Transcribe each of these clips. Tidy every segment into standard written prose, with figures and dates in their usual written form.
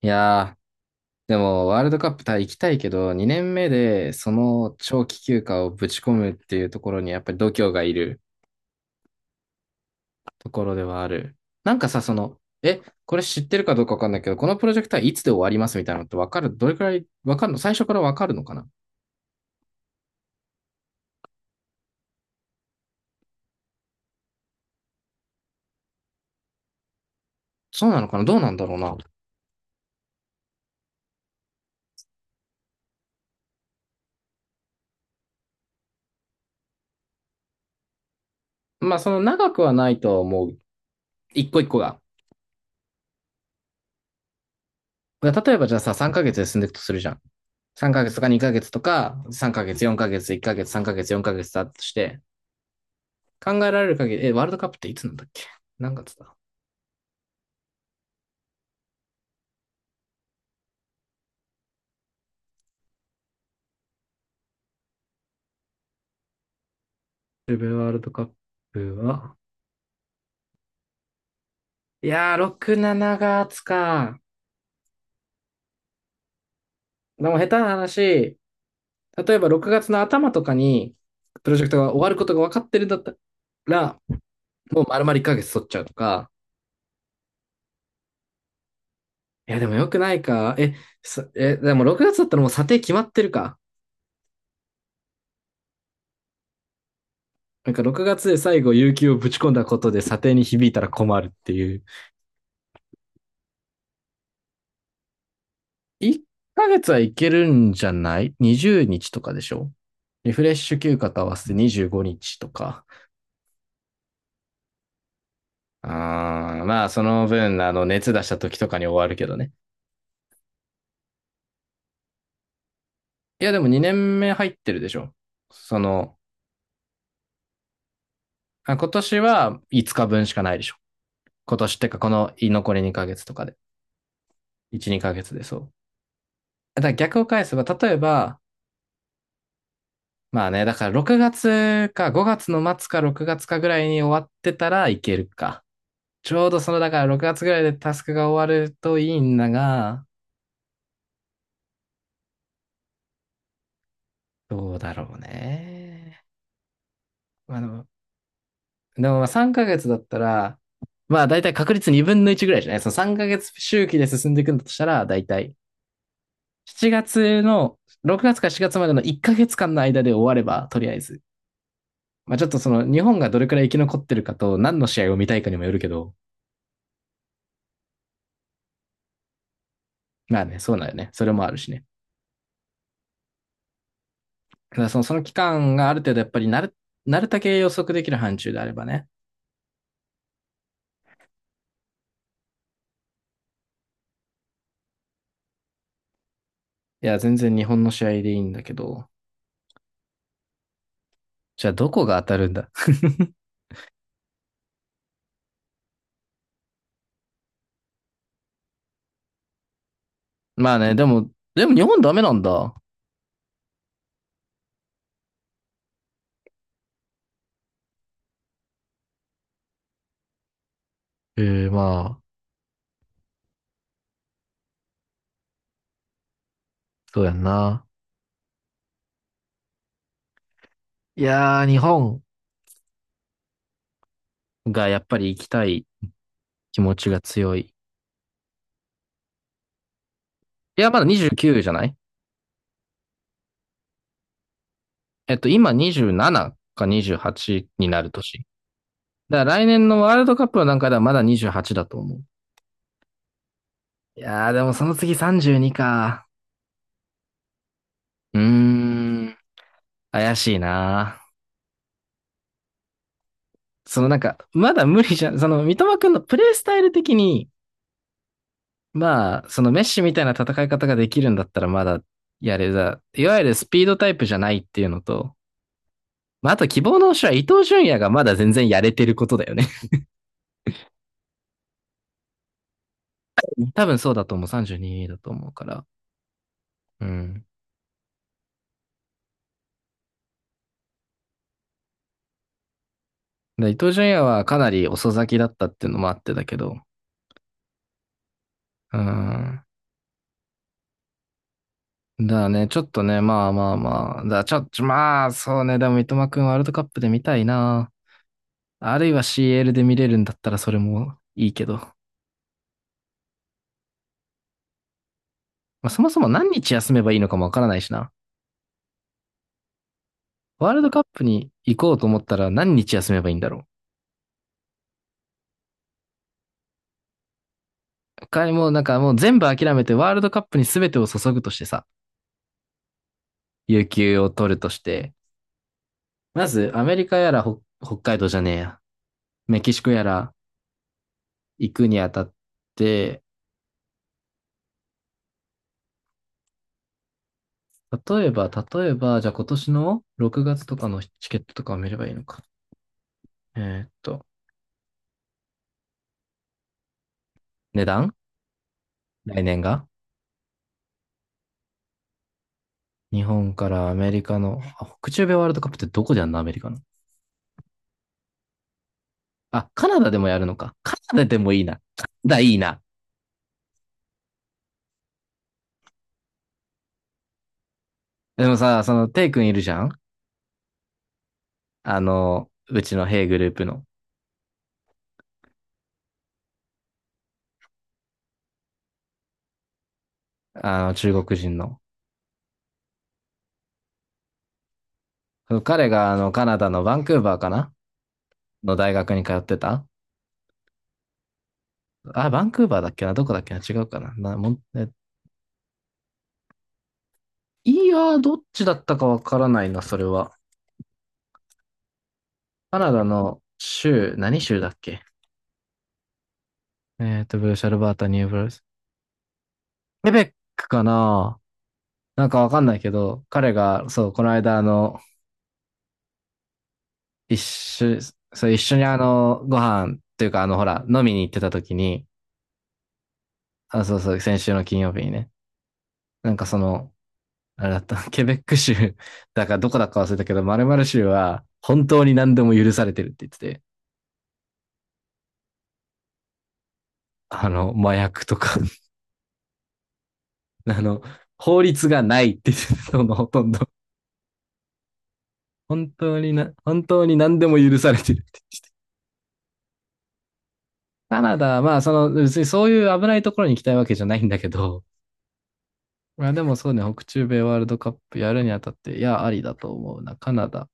いやー、でもワールドカップた行きたいけど、2年目でその長期休暇をぶち込むっていうところにやっぱり度胸がいるところではある。なんかさ、これ知ってるかどうかわかんないけど、このプロジェクトはいつで終わりますみたいなのってわかる、どれくらいわかるの、最初からわかるのかな？そうなのかな、どうなんだろうな。まあ、その長くはないと思う。一個一個が。だから例えばじゃあさ、3ヶ月で進んでいくとするじゃん。3ヶ月とか2ヶ月とか、3ヶ月、4ヶ月、1ヶ月、3ヶ月、4ヶ月だとして、考えられる限り、ワールドカップっていつなんだっけ？何月だ？セブワールドカップは、いやー、6、7月か。でも下手な話、例えば6月の頭とかに、プロジェクトが終わることが分かってるんだったら、もう丸々1ヶ月取っちゃうとか、いや、でもよくないか。え、さえ、でも6月だったらもう査定決まってるか。なんか6月で最後、有給をぶち込んだことで査定に響いたら困るっていう。1ヶ月はいけるんじゃない？ 20 日とかでしょ。リフレッシュ休暇と合わせて25日とか。あーまあ、その分、熱出した時とかに終わるけどね。いや、でも2年目入ってるでしょ。その、今年は5日分しかないでしょ。今年ってか、この残り2ヶ月とかで。1、2ヶ月でそう。だから逆を返せば、例えば、まあね、だから6月か5月の末か6月かぐらいに終わってたらいけるか。ちょうどその、だから6月ぐらいでタスクが終わるといいんだが、どうだろうね。まあでも、でもまあ3ヶ月だったら、まあ大体確率2分の1ぐらいじゃない？その3ヶ月周期で進んでいくんだとしたら、大体7月の、6月か4月までの1ヶ月間の間で終われば、とりあえず。まあちょっとその日本がどれくらい生き残ってるかと何の試合を見たいかにもよるけど、まあね、そうなんよね。それもあるしね。だからその期間がある程度やっぱりなるだけ予測できる範疇であればね。いや、全然日本の試合でいいんだけど。じゃあ、どこが当たるんだ？ まあね、でも日本ダメなんだ。えまあ、そうやんな。いやー、日本。が、やっぱり行きたい気持ちが強い。いや、まだ29じゅうきゅうじゃない？今27か28になる年。だから来年のワールドカップのかではまだ28だと思う。いやー、でもその次32か。うーん、怪しいな。まだ無理じゃん。その、三笘くんのプレイスタイル的に、まあ、そのメッシみたいな戦い方ができるんだったらまだやれだ。いわゆるスピードタイプじゃないっていうのと、まあ、あと希望の星は伊東純也がまだ全然やれてることだよね。多分そうだと思う。32だと思うから。うん。だ伊東純也はかなり遅咲きだったっていうのもあってだけど。うん。だね、ちょっとね、まあまあまあ。ちょっと、まあ、そうね。でも三笘くんワールドカップで見たいな。あるいは CL で見れるんだったらそれもいいけど。まあ、そもそも何日休めばいいのかもわからないしな。ワールドカップに行こうと思ったら何日休めばいいんだろう。かもうなんかもう全部諦めてワールドカップに全てを注ぐとしてさ、有給を取るとして、まずアメリカやら北北海道じゃねえや、メキシコやら行くにあたって、例えば、じゃあ今年の6月とかのチケットとかを見ればいいのか。えーっと、値段、来年が日本からアメリカの、あ、北中米ワールドカップってどこでやんの？アメリカの。あ、カナダでもやるのか。カナダでもいいな。カナダいいな。でもさ、テイ君いるじゃん？うちのヘイグループの、中国人の。彼が、カナダのバンクーバーかな、の大学に通ってた。あ、バンクーバーだっけな、どこだっけな、違うかな、なもん、いやー、どっちだったかわからないな、それは。カナダの州、何州だっけ？ブルーシャルバータ、ニューブルース。ケベックかな。なんかわかんないけど、彼が、そう、この間、一緒、そう、一緒にご飯っていうか、ほら、飲みに行ってた時に、あ、そうそう、先週の金曜日にね。なんかその、あれだった、ケベック州、だからどこだか忘れたけど、〇〇州は本当に何でも許されてるって言ってて、麻薬とか、あの、法律がないって言ってたの。 ほとんど。本当にな、本当に何でも許されてるって。カナダ、別にそういう危ないところに行きたいわけじゃないんだけど、まあでもそうね、北中米ワールドカップやるにあたって、いや、ありだと思うな。カナダ、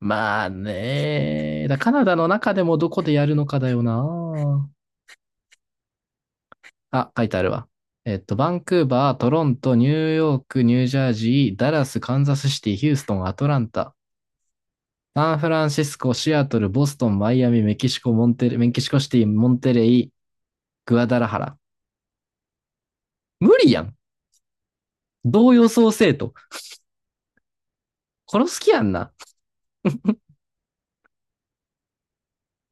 まあね。だカナダの中でもどこでやるのかだよな。あ、書いてあるわ。バンクーバー、トロント、ニューヨーク、ニュージャージー、ダラス、カンザスシティ、ヒューストン、アトランタ、サンフランシスコ、シアトル、ボストン、マイアミ、メキシコ、モンテレ、メキシコシティ、モンテレイ、グアダラハラ。無理やん。どう予想せえと。殺す気やんな。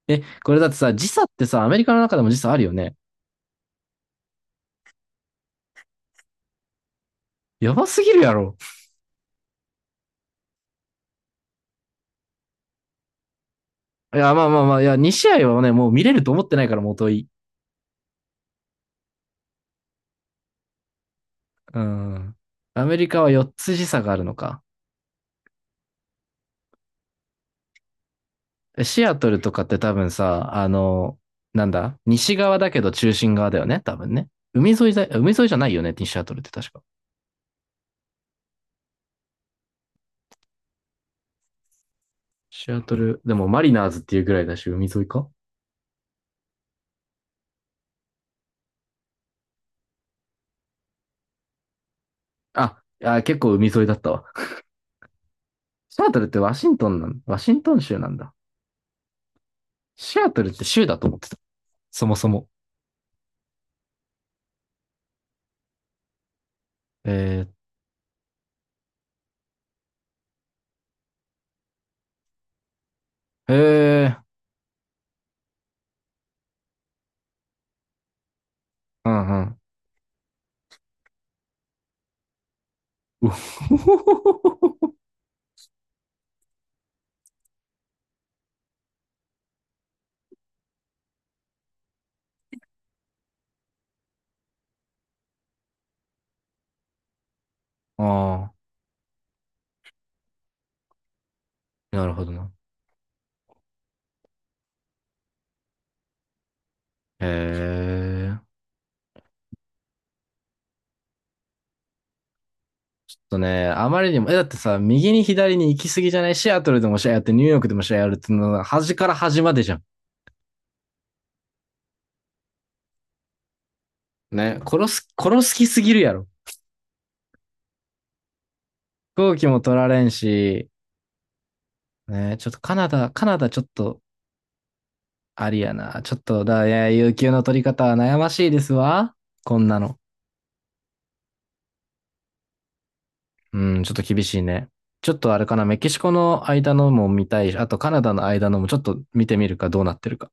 これだってさ、時差ってさ、アメリカの中でも時差あるよね。やばすぎるやろ。いや、まあまあまあ、いや、2試合はね、もう見れると思ってないから、もうというん。アメリカは四つ時差があるのか。シアトルとかって多分さ、なんだ、西側だけど中心側だよね、多分ね。海沿いだ、海沿いじゃないよね、シアトルって確か。シアトル、でもマリナーズっていうぐらいだし、海沿いか。あ、あ、結構海沿いだったわ。シアトルってワシントンなん、ワシントン州なんだ。シアトルって州だと思ってた。そもそも。えー、えー、うんうん。うほほほほほ。ああ、なるほどな。へえー。とね、あまりにも、だってさ、右に左に行き過ぎじゃない？シアトルでも試合やって、ニューヨークでも試合やるっていうのは、端から端までじゃん。ね、殺す気すぎるやろ。飛行機も取られんし、ね、ちょっとカナダちょっと、ありやな。ちょっと、いや、有給の取り方は悩ましいですわ。こんなの。うん、ちょっと厳しいね。ちょっとあれかな、メキシコの間のも見たいし、あとカナダの間のもちょっと見てみるか、どうなってるか。